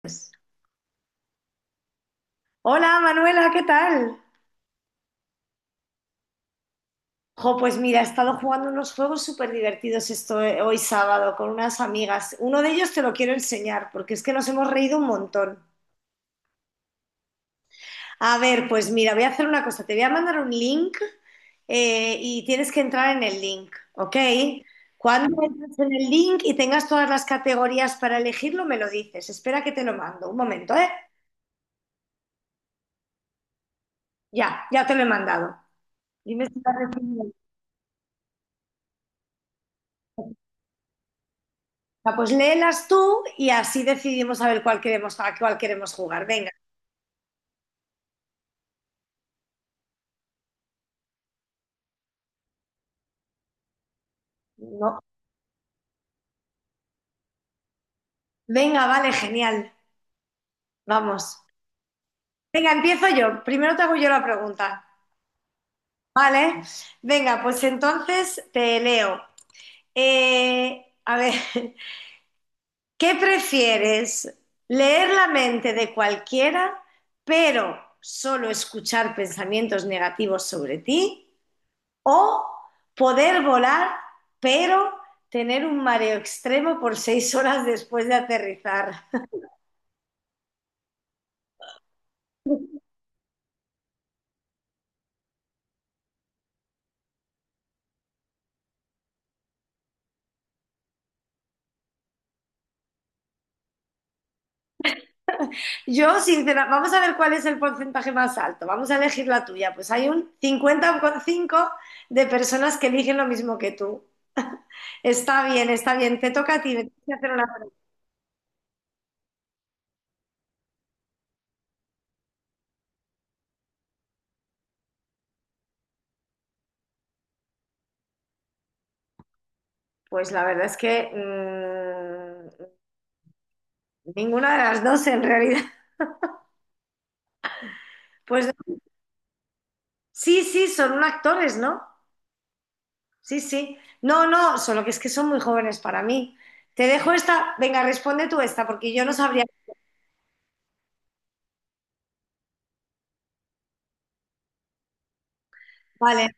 Pues, hola Manuela, ¿qué tal? Jo, pues mira, he estado jugando unos juegos súper divertidos esto, hoy sábado con unas amigas. Uno de ellos te lo quiero enseñar porque es que nos hemos reído un montón. A ver, pues mira, voy a hacer una cosa. Te voy a mandar un link, y tienes que entrar en el link, ¿ok? Cuando entres en el link y tengas todas las categorías para elegirlo, me lo dices. Espera que te lo mando. Un momento, ¿eh? Ya, ya te lo he mandado. Dime si lo has recibido. Ah, pues léelas tú y así decidimos a ver cuál queremos, a cuál queremos jugar. Venga, no. Venga, vale, genial. Vamos. Venga, empiezo yo. Primero te hago yo la pregunta. Vale. Venga, pues entonces te leo. A ver, ¿qué prefieres? ¿Leer la mente de cualquiera, pero solo escuchar pensamientos negativos sobre ti? O poder volar, pero tener un mareo extremo por 6 horas después de aterrizar. Yo, sinceramente, vamos a ver cuál es el porcentaje más alto. Vamos a elegir la tuya. Pues hay un 50,5 de personas que eligen lo mismo que tú. Está bien, está bien. Te toca a ti. Me tienes que hacer una pregunta. Pues la verdad es que ninguna de las dos en realidad. Pues sí, sí, son actores, ¿no? Sí, sí. No, no, solo que es que son muy jóvenes para mí. Te dejo esta, venga, responde tú esta, porque yo no sabría. Vale,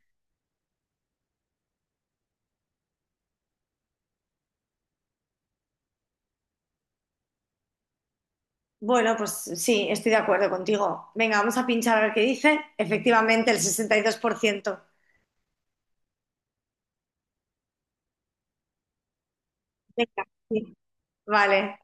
bueno, pues sí, estoy de acuerdo contigo. Venga, vamos a pinchar a ver qué dice. Efectivamente, el 62%. Venga, sí. Vale.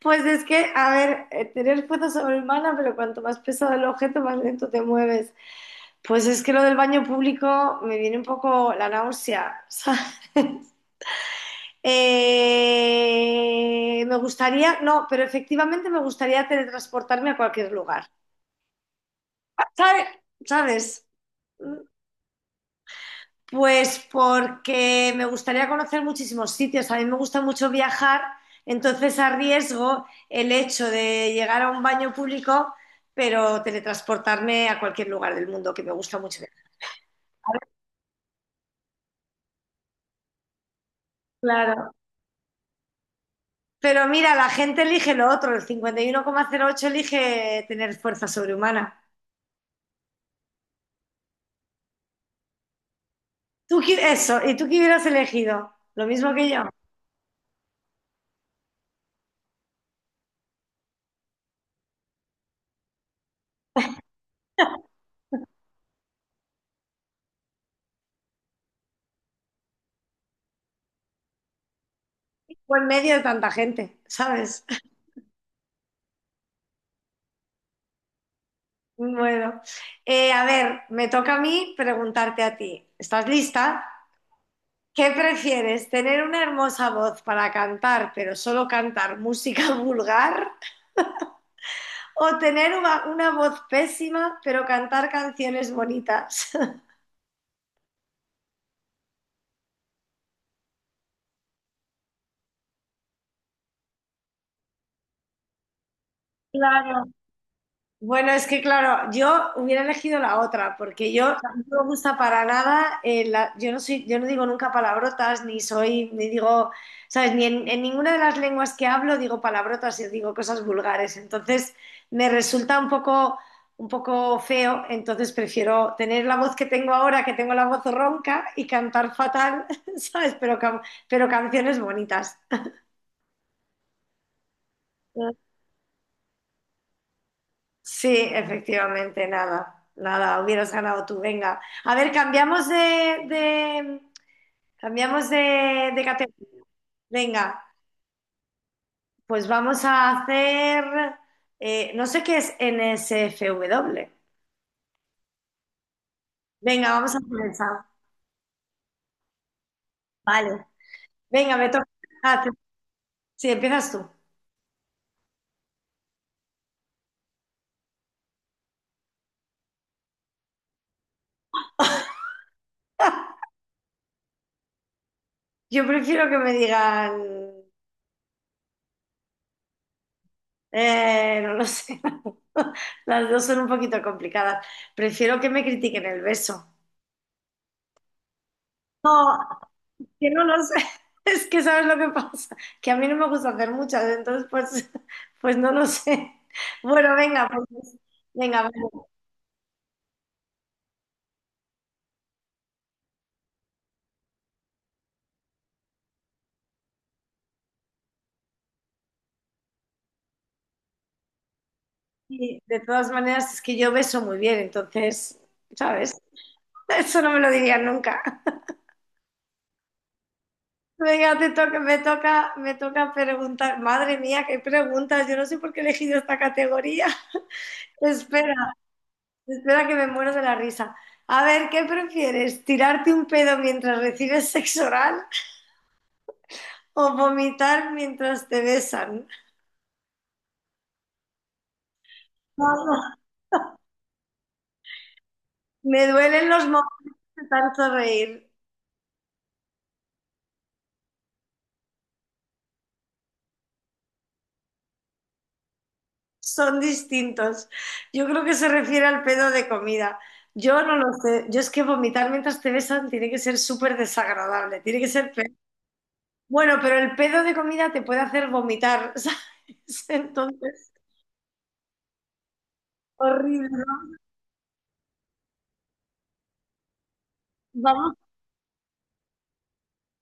Pues es que, a ver, tener fuerza sobrehumana, pero cuanto más pesado el objeto, más lento te mueves. Pues es que lo del baño público me viene un poco la náusea, ¿sabes? Me gustaría, no, pero efectivamente me gustaría teletransportarme a cualquier lugar. ¿Sabe- ¿Sabes? Pues porque me gustaría conocer muchísimos sitios. A mí me gusta mucho viajar, entonces arriesgo el hecho de llegar a un baño público, pero teletransportarme a cualquier lugar del mundo, que me gusta mucho viajar. Claro. Pero mira, la gente elige lo otro, el 51,08 elige tener fuerza sobrehumana. Eso, ¿y tú qué hubieras elegido? Lo mismo que yo. Fue en medio de tanta gente, ¿sabes? Bueno, a ver, me toca a mí preguntarte a ti. ¿Estás lista? ¿Qué prefieres, tener una hermosa voz para cantar, pero solo cantar música vulgar? ¿O tener una voz pésima, pero cantar canciones bonitas? Claro. Bueno, es que claro, yo hubiera elegido la otra, porque yo no me gusta para nada, yo no soy, yo no digo nunca palabrotas, ni soy, ni digo, ¿sabes? Ni en, en ninguna de las lenguas que hablo digo palabrotas y digo cosas vulgares. Entonces me resulta un poco feo, entonces prefiero tener la voz que tengo ahora, que tengo la voz ronca, y cantar fatal, ¿sabes? Pero canciones bonitas. Sí, efectivamente, nada, nada, hubieras ganado tú, venga. A ver, cambiamos de categoría. Venga, pues vamos a hacer, no sé qué es NSFW. Venga, vamos a hacer esa. Vale. Venga, me toca. Ah, te- sí, empiezas tú. Yo prefiero que me digan, no lo sé, las dos son un poquito complicadas. Prefiero que me critiquen el beso. No, que no lo sé. Es que sabes lo que pasa, que a mí no me gusta hacer muchas, entonces pues, pues no lo sé. Bueno, venga, pues, venga, vale. Y de todas maneras es que yo beso muy bien, entonces, ¿sabes? Eso no me lo diría nunca. Venga, te toca, me toca, me toca preguntar. Madre mía, qué preguntas. Yo no sé por qué he elegido esta categoría. Espera, espera que me muero de la risa. A ver, ¿qué prefieres? ¿Tirarte un pedo mientras recibes sexo oral o vomitar mientras te besan? Vamos, me duelen los momentos de tanto reír. Son distintos. Yo creo que se refiere al pedo de comida. Yo no lo sé. Yo es que vomitar mientras te besan tiene que ser súper desagradable. Tiene que ser peor. Bueno, pero el pedo de comida te puede hacer vomitar, ¿sabes? Entonces, horrible, ¿no? Vamos,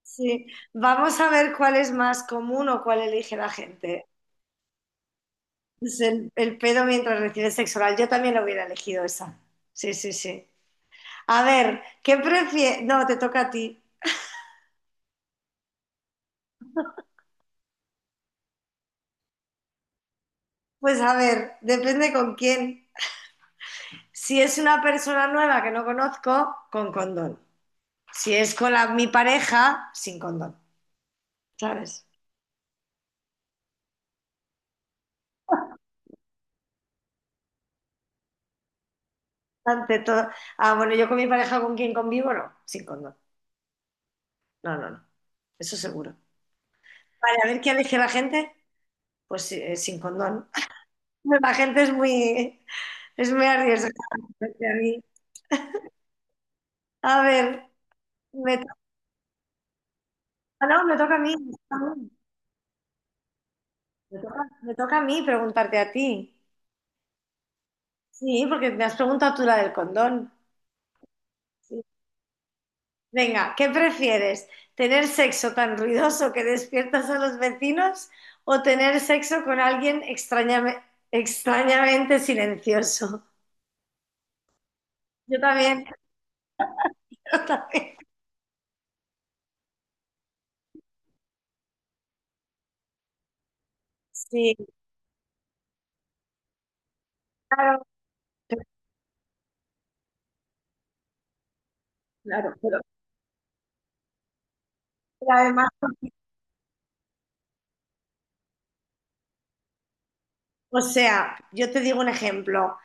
sí. Vamos a ver cuál es más común o cuál elige la gente. Es el pedo mientras recibes sexo oral. Yo también lo hubiera elegido esa. Sí, sí, sí. A ver, ¿qué prefieres? No, te toca a ti. Pues a ver, depende con quién. Si es una persona nueva que no conozco, con condón. Si es con la- mi pareja, sin condón. ¿Sabes? Ante todo. Ah, bueno, yo con mi pareja con quién convivo, no, sin condón. No, no, no. Eso seguro. Vale, a ver qué elige la gente. Pues sí, sin condón. La gente es muy arriesgada. porque a mí- A ver, me to- ah, no, me toca a mí. Me toca a mí preguntarte a ti. Sí, porque me has preguntado tú la del condón. Sí. Venga, ¿qué prefieres? ¿Tener sexo tan ruidoso que despiertas a los vecinos o tener sexo con alguien extrañamente silencioso? Yo también, sí, claro, claro, pero además, o sea, yo te digo un ejemplo.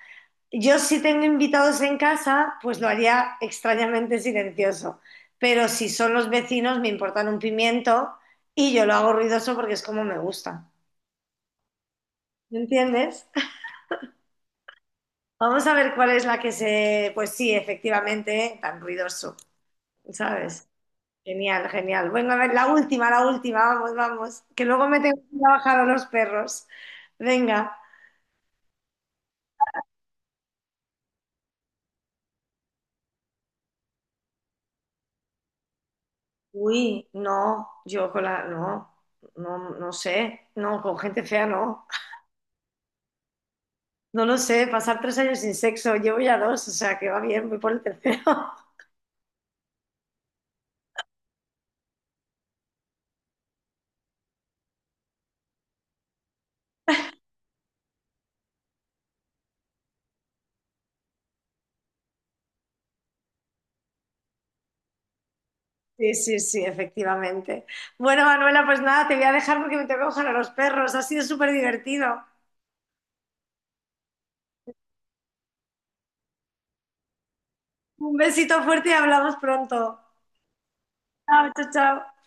Yo si tengo invitados en casa, pues lo haría extrañamente silencioso. Pero si son los vecinos, me importan un pimiento y yo lo hago ruidoso porque es como me gusta. ¿Me entiendes? Vamos a ver cuál es la que se... Pues sí, efectivamente, tan ruidoso, ¿sabes? Genial, genial. Bueno, a ver, la última, vamos, vamos. Que luego me tengo que ir a bajar a los perros. Venga. Uy, no, yo con la... No, no, no sé. No, con gente fea no. No lo sé, pasar 3 años sin sexo, llevo ya dos, o sea que va bien, voy por el tercero. Sí, sí, sí, efectivamente. Bueno, Manuela, pues nada, te voy a dejar porque me tengo que coger a los perros. Ha sido súper divertido. Un besito fuerte y hablamos pronto. Chao, chao, chao.